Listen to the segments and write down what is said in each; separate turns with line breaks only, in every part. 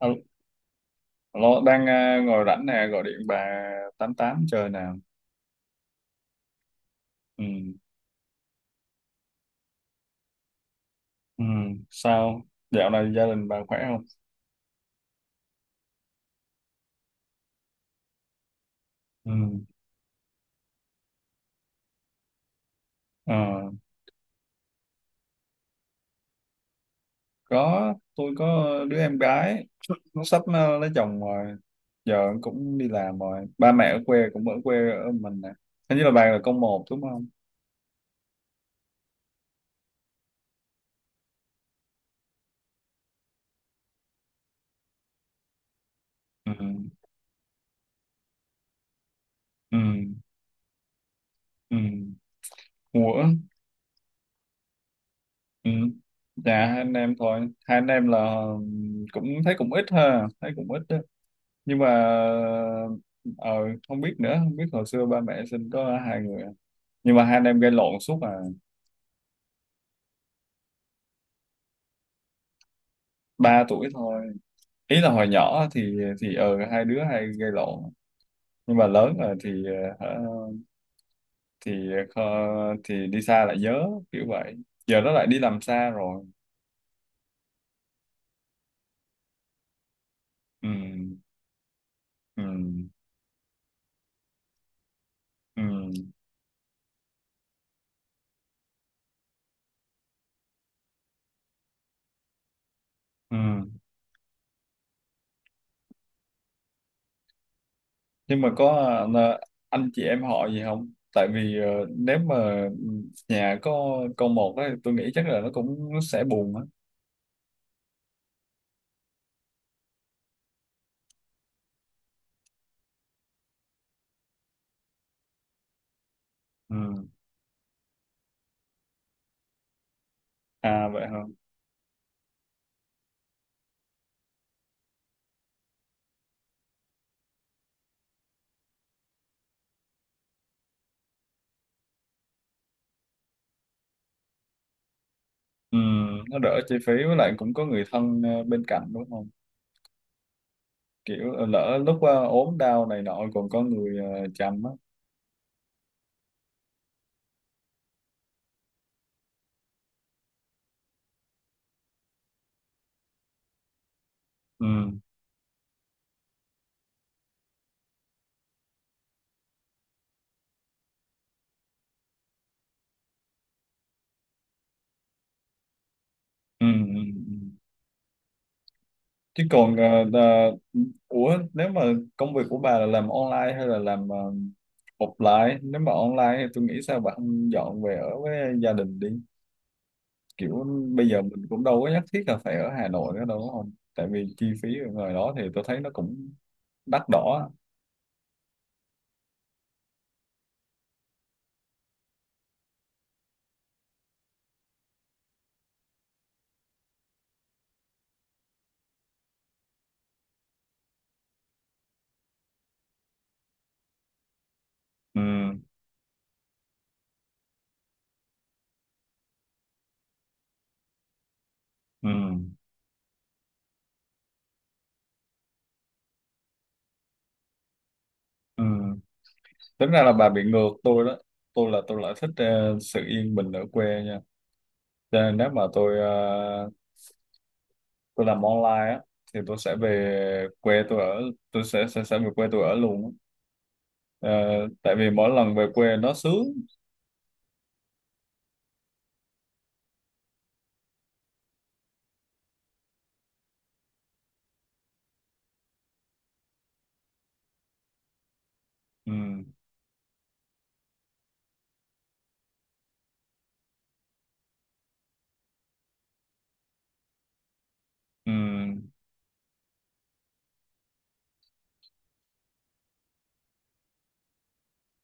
Alo, alo, đang ngồi rảnh nè, gọi điện bà tám tám chơi nè. Ừ. Ừ. Sao? Dạo này gia đình bà khỏe không? Ừ. Ờ, có, tôi có đứa em gái, nó sắp lấy chồng rồi, giờ cũng đi làm rồi. Ba mẹ ở quê cũng ở quê ở mình nè. Hình như là bà là con một đúng không? Ừ. Ừ. Ừ. Ủa? Ừ. Dạ, hai anh em thôi. Hai anh em là cũng thấy cũng ít ha, thấy cũng ít, nhưng mà ờ, không biết nữa, không biết hồi xưa ba mẹ sinh có hai người à. Nhưng mà hai anh em gây lộn suốt à. Ba tuổi thôi. Ý là hồi nhỏ thì hai đứa hay gây lộn, nhưng mà lớn rồi thì ờ, hả, thì thì đi xa lại nhớ, kiểu vậy. Giờ nó lại đi làm xa rồi. Ừ, ừ, ừ, ừ. Nhưng mà có ờ, anh chị em họ gì không? Tại vì nếu mà nhà có con một ấy, tôi nghĩ chắc là nó cũng sẽ buồn á. Ừ. À vậy hả? Ừ, nó đỡ chi phí, với lại cũng có người thân bên cạnh đúng không? Kiểu lỡ lúc ốm đau này nọ còn có người chăm á. Ừ. Ừ. Ừ, ừ. Chứ còn ủa, nếu mà công việc của bà là làm online hay là làm offline? Nếu mà online thì tôi nghĩ sao bà không dọn về ở với gia đình đi? Kiểu bây giờ mình cũng đâu có nhất thiết là phải ở Hà Nội nữa đâu đúng không? Tại vì chi phí ở ngoài đó thì tôi thấy nó cũng đắt đỏ á. Ừ. Ừ. Ừ. Tính ra là bà bị ngược tôi đó. Tôi là tôi lại thích sự yên bình ở quê nha, cho nên nếu mà tôi làm online á thì tôi sẽ về quê tôi ở, tôi sẽ về quê tôi ở luôn á. Ờ, tại vì mỗi lần về quê nó sướng. Ừ. Ừ.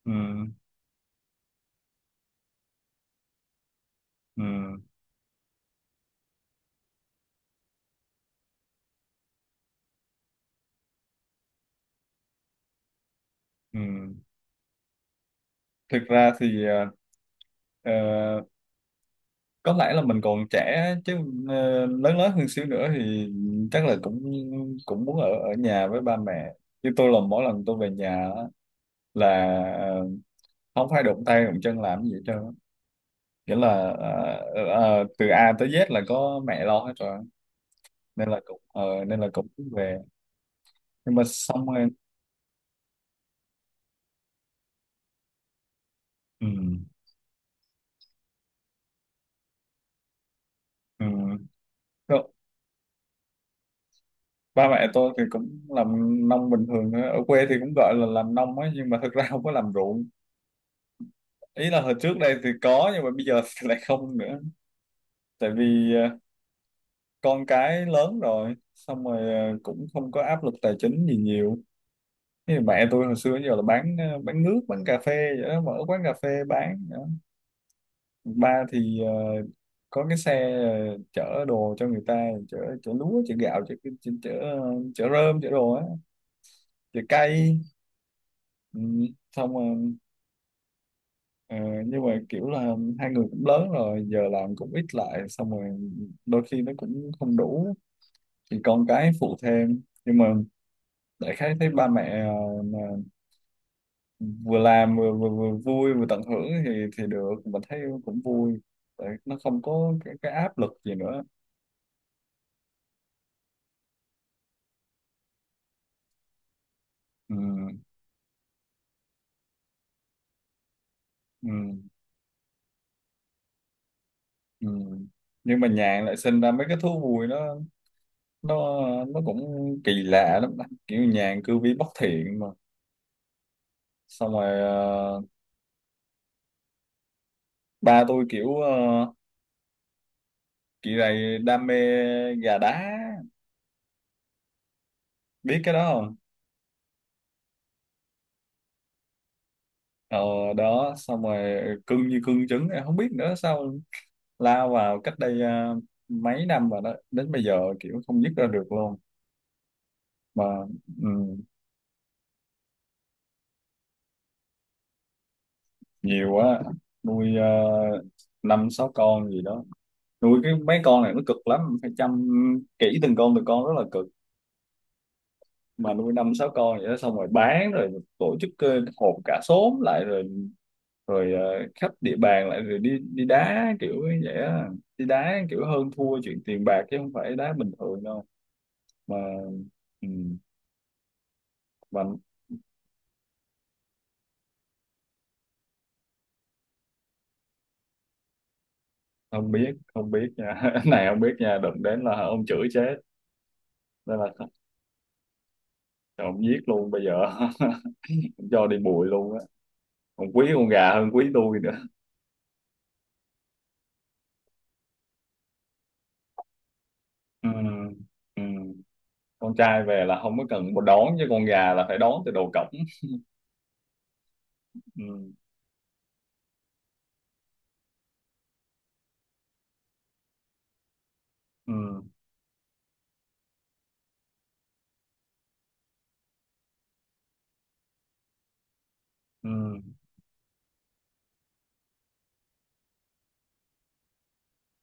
Ừ. Ừ. Ừ. Thực ra thì ờ, có lẽ là mình còn trẻ á, chứ lớn lớn hơn xíu nữa thì chắc là cũng cũng muốn ở ở nhà với ba mẹ. Chứ tôi là mỗi lần tôi về nhà là ờ, không phải đụng tay đụng chân làm gì hết trơn á. Nghĩa là từ A tới Z là có mẹ lo hết rồi, nên là cũng nên là cũng về, nhưng mà xong rồi ừ, ừ. Rồi, ba mẹ tôi thì cũng làm nông bình thường thôi. Ở quê thì cũng gọi là làm nông ấy, nhưng mà thực ra không có làm ruộng. Ý là hồi trước đây thì có, nhưng mà bây giờ thì lại không nữa, tại vì con cái lớn rồi, xong rồi cũng không có áp lực tài chính gì nhiều. Thế thì mẹ tôi hồi xưa giờ là bán nước bán cà phê vậy đó, mở quán cà phê bán vậy đó. Ba thì có cái xe chở đồ cho người ta, chở chở lúa chở gạo chở chở chở, ờ, chở rơm chở đồ á, chở cây. Ừ, xong rồi ờ, nhưng mà kiểu là hai người cũng lớn rồi, giờ làm cũng ít lại, xong rồi đôi khi nó cũng không đủ thì con cái phụ thêm, nhưng mà đại khái thấy ba mẹ vừa làm vừa vui vừa tận hưởng thì được, mình thấy cũng vui. Tại nó không có cái áp lực gì nữa. Ừ, ừ, ừ. Nhưng mà nhàn lại sinh ra mấy cái thú vui, nó nó cũng kỳ lạ lắm, kiểu nhàn cư vi bất thiện mà. Xong rồi ba tôi kiểu kỳ này đam mê gà đá, biết cái đó không? Ờ đó, xong rồi cưng như cưng trứng, em không biết nữa sao, lao vào cách đây mấy năm rồi đó, đến bây giờ kiểu không dứt ra được luôn. Mà ừm, nhiều quá, nuôi uh, năm sáu con gì đó. Nuôi cái mấy con này nó cực lắm, phải chăm kỹ từng con từng con, rất là cực. Mà nuôi năm sáu con vậy đó, xong rồi bán rồi tổ chức họp cả xóm lại rồi rồi ờ, khắp địa bàn lại rồi đi đi đá kiểu như vậy á, đi đá kiểu hơn thua chuyện tiền bạc chứ không phải đá bình thường đâu. Mà ừ. Mà không biết, không biết nha Cái này không biết nha, đụng đến là ông chửi chết, nên là ông giết luôn bây giờ Ông cho đi bụi luôn á, ông quý con gà hơn quý tôi nữa. Ừ. Ừ. Con trai về là không có cần một đón, chứ con gà là phải đón từ đầu cổng. Ừ. Ừ. Ừ.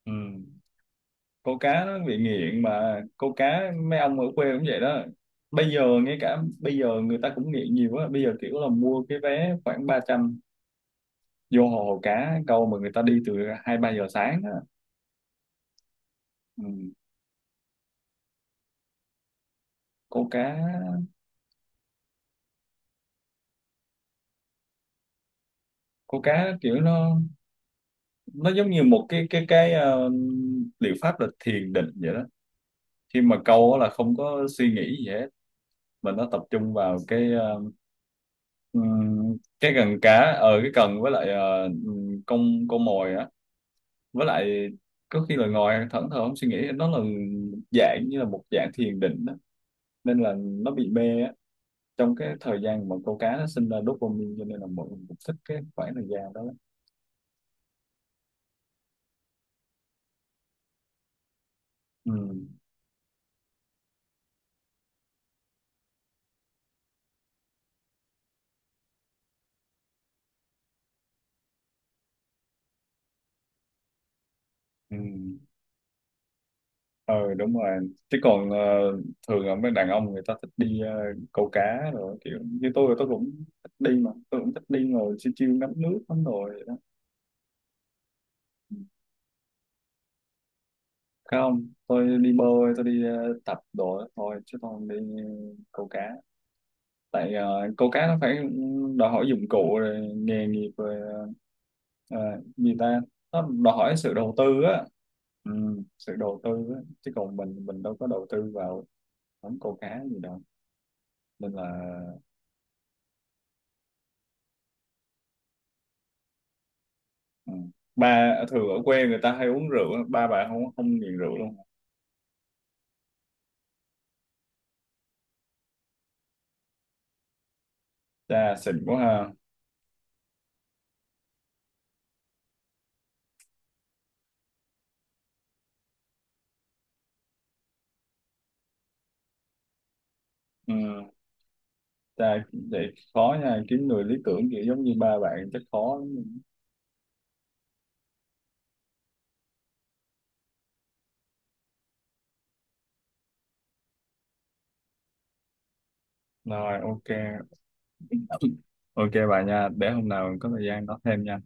Ừ. Câu cá nó bị nghiện mà, câu cá mấy ông ở quê cũng vậy đó. Bây giờ ngay cả bây giờ người ta cũng nghiện nhiều á, bây giờ kiểu là mua cái vé khoảng 300 vô hồ cá câu, mà người ta đi từ hai ba giờ sáng. Ừ. Câu cá, câu cá kiểu nó giống như một liệu pháp là thiền định vậy đó, khi mà câu á là không có suy nghĩ gì hết, mà nó tập trung vào cái cần cá, ở cái cần với lại con mồi á, với lại có khi là ngồi thẫn thờ không suy nghĩ, nó là dạng như là một dạng thiền định đó. Nên là nó bị mê á, trong cái thời gian mà câu cá nó sinh ra dopamine, cho nên là mọi người cũng thích cái khoảng thời gian đó lắm. Ừ. Ừ. ờ đúng rồi, chứ còn thường là mấy đàn ông người ta thích đi câu cá rồi, kiểu như tôi cũng thích đi, mà tôi cũng thích đi ngồi chiêu chiêu ngắm nước lắm rồi vậy đó. Không, tôi đi bơi, tôi đi tập đồ đó thôi chứ tôi không đi câu cá, tại câu cá nó phải đòi hỏi dụng cụ rồi nghề nghiệp rồi gì ta, nó đòi hỏi sự đầu tư á. Ừ, sự đầu tư á, chứ còn mình đâu có đầu tư vào món câu cá gì đâu, nên là. Ừ. Ba thường ở quê người ta hay uống rượu á, ba bà không không nghiện rượu luôn. Cha xịn quá ha. Ừ. Cha, vậy khó nha, kiếm người lý tưởng kiểu giống như ba bạn chắc khó lắm. Rồi, ok, ok bà nha, để hôm nào có thời gian nói thêm nha.